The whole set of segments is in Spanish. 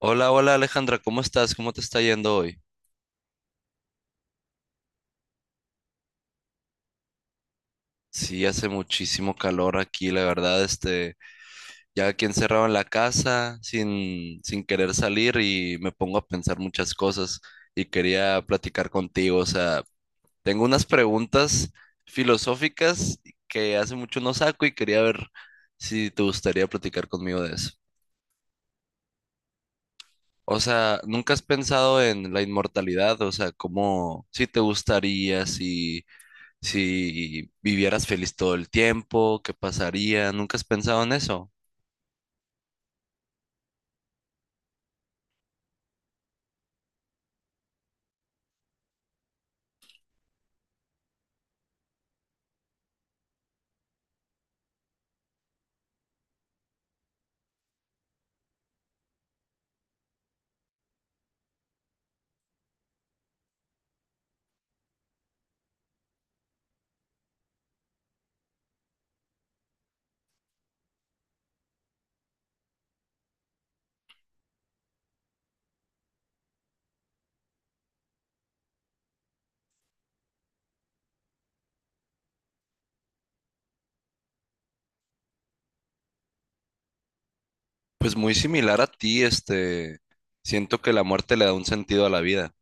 Hola, hola Alejandra, ¿cómo estás? ¿Cómo te está yendo hoy? Sí, hace muchísimo calor aquí, la verdad, ya aquí encerrado en la casa, sin querer salir y me pongo a pensar muchas cosas y quería platicar contigo, o sea, tengo unas preguntas filosóficas que hace mucho no saco y quería ver si te gustaría platicar conmigo de eso. O sea, ¿nunca has pensado en la inmortalidad? O sea, ¿cómo, si te gustaría, si vivieras feliz todo el tiempo, ¿qué pasaría? ¿Nunca has pensado en eso? Pues muy similar a ti, siento que la muerte le da un sentido a la vida.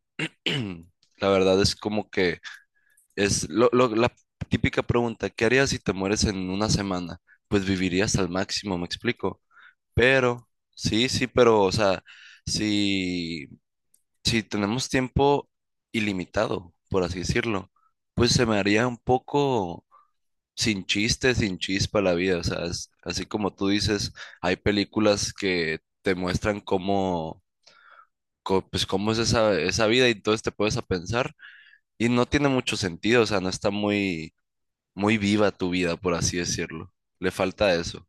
La verdad es como que es la típica pregunta, ¿qué harías si te mueres en una semana? Pues vivirías al máximo, me explico. Pero, sí, sí, pero, o sea, si, si tenemos tiempo ilimitado, por así decirlo, pues se me haría un poco sin chiste, sin chispa la vida. O sea, así como tú dices, hay películas que te muestran cómo, pues, cómo es esa vida y entonces te puedes a pensar y no tiene mucho sentido, o sea, no está muy, muy viva tu vida, por así decirlo. Le falta eso.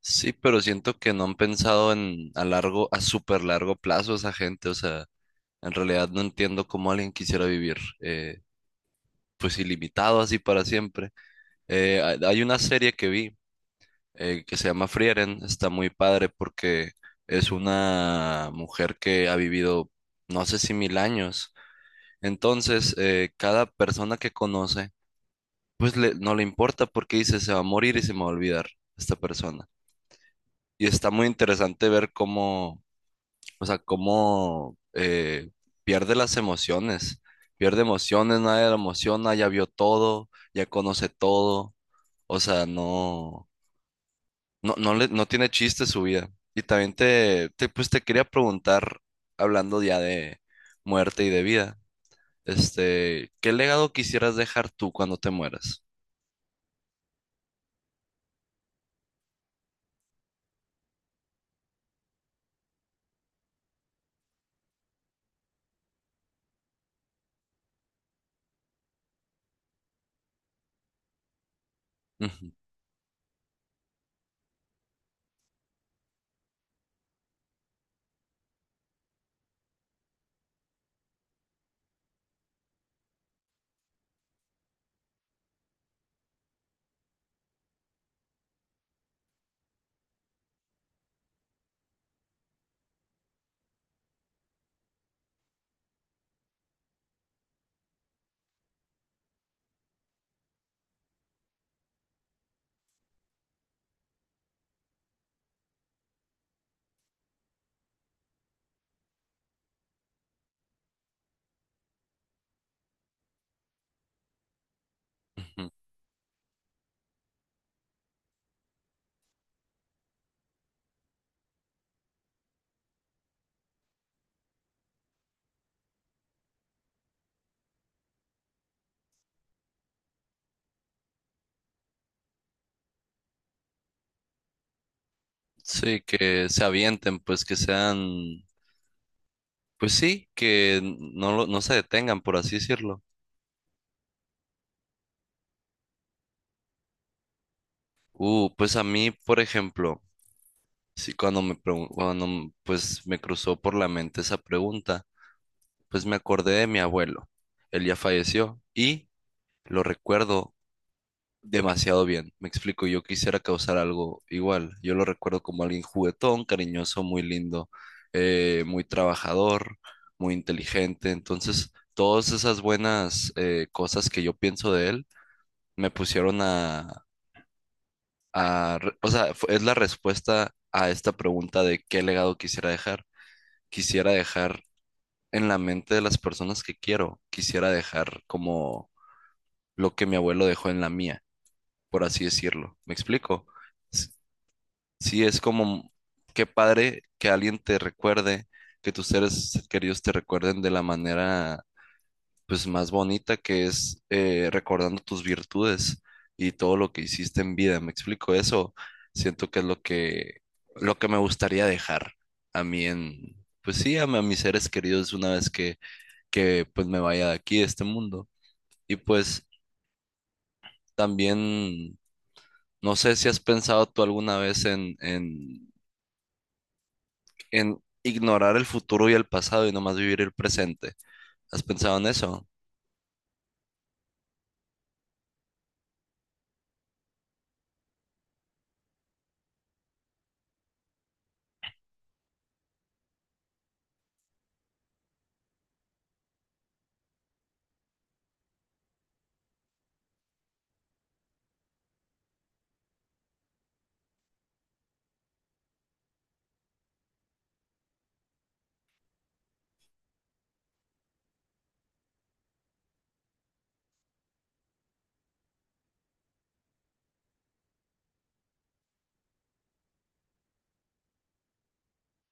Sí, pero siento que no han pensado en a súper largo plazo esa gente, o sea, en realidad no entiendo cómo alguien quisiera vivir, pues ilimitado así para siempre. Hay una serie que vi, que se llama Frieren. Está muy padre porque es una mujer que ha vivido no sé si 1000 años. Entonces, cada persona que conoce, pues no le importa porque dice, se va a morir y se me va a olvidar esta persona. Y está muy interesante ver cómo, o sea, cómo pierde las emociones. Pierde emociones, nadie la emociona, ya vio todo, ya conoce todo. O sea, no. No, no, no tiene chiste su vida. Y también pues te quería preguntar, hablando ya de muerte y de vida, ¿qué legado quisieras dejar tú cuando te mueras? Ujú, ujú. Sí, que se avienten, pues que sean, pues sí, que no, no se detengan, por así decirlo. Pues a mí, por ejemplo, sí, cuando me, pregun- cuando m- pues me cruzó por la mente esa pregunta, pues me acordé de mi abuelo. Él ya falleció y lo recuerdo demasiado bien. Me explico, yo quisiera causar algo igual. Yo lo recuerdo como alguien juguetón, cariñoso, muy lindo, muy trabajador, muy inteligente. Entonces, todas esas buenas cosas que yo pienso de él me pusieron o sea, es la respuesta a esta pregunta de qué legado quisiera dejar. Quisiera dejar en la mente de las personas que quiero. Quisiera dejar como lo que mi abuelo dejó en la mía, por así decirlo. ¿Me explico? Sí, es como, qué padre que alguien te recuerde, que tus seres queridos te recuerden de la manera, pues, más bonita, que es recordando tus virtudes y todo lo que hiciste en vida. ¿Me explico eso? Siento que es lo que me gustaría dejar a mí, en, pues sí, a mis seres queridos una vez que, pues, me vaya de aquí, de este mundo. Y pues también, no sé si has pensado tú alguna vez en, en ignorar el futuro y el pasado y nomás vivir el presente. ¿Has pensado en eso?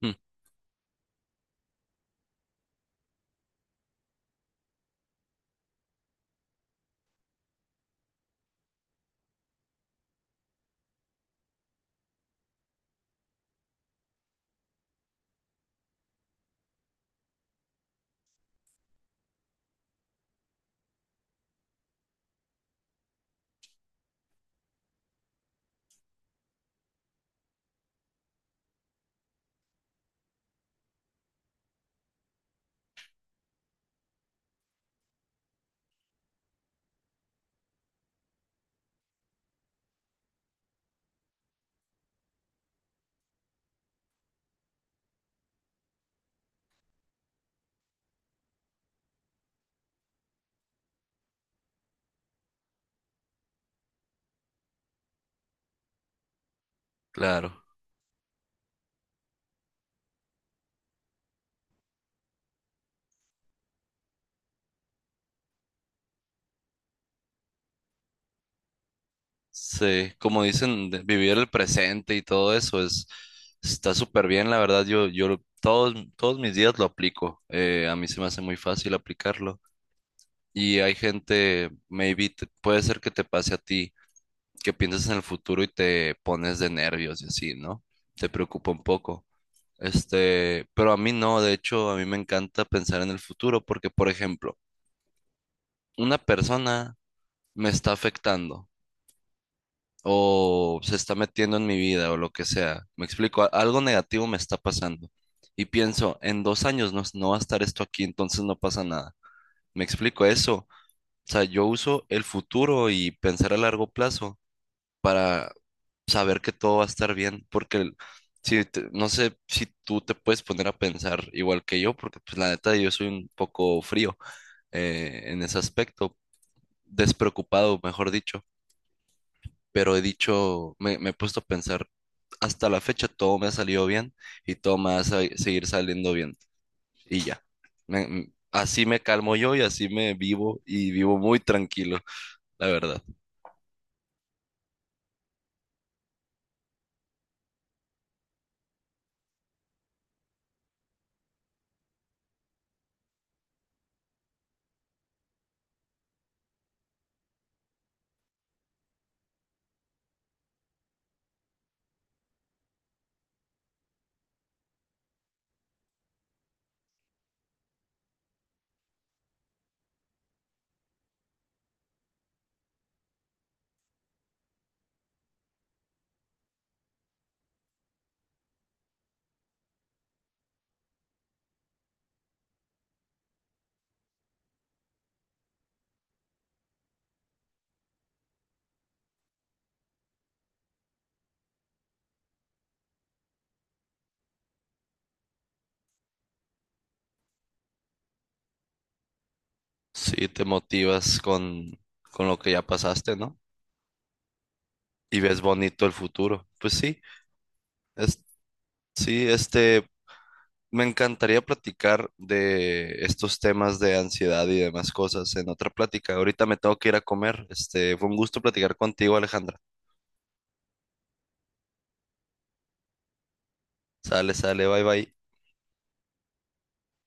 Hmm, claro. Sí, como dicen, vivir el presente y todo eso es está súper bien, la verdad. Todos mis días lo aplico. A mí se me hace muy fácil aplicarlo. Y hay gente, maybe puede ser que te pase a ti, que piensas en el futuro y te pones de nervios y así, ¿no? Te preocupa un poco. Pero a mí no. De hecho, a mí me encanta pensar en el futuro porque, por ejemplo, una persona me está afectando o se está metiendo en mi vida o lo que sea. Me explico, algo negativo me está pasando. Y pienso, en 2 años no va a estar esto aquí, entonces no pasa nada. Me explico eso. O sea, yo uso el futuro y pensar a largo plazo para saber que todo va a estar bien, porque no sé si tú te puedes poner a pensar igual que yo, porque pues la neta yo soy un poco frío, en ese aspecto, despreocupado, mejor dicho. Pero he dicho, me he puesto a pensar, hasta la fecha todo me ha salido bien y todo me va a seguir saliendo bien y ya. Así me calmo yo y así me vivo y vivo muy tranquilo, la verdad. Sí, te motivas con, lo que ya pasaste, ¿no? Y ves bonito el futuro. Pues sí, es, sí, me encantaría platicar de estos temas de ansiedad y demás cosas en otra plática. Ahorita me tengo que ir a comer. Fue un gusto platicar contigo, Alejandra. Sale, sale, bye bye.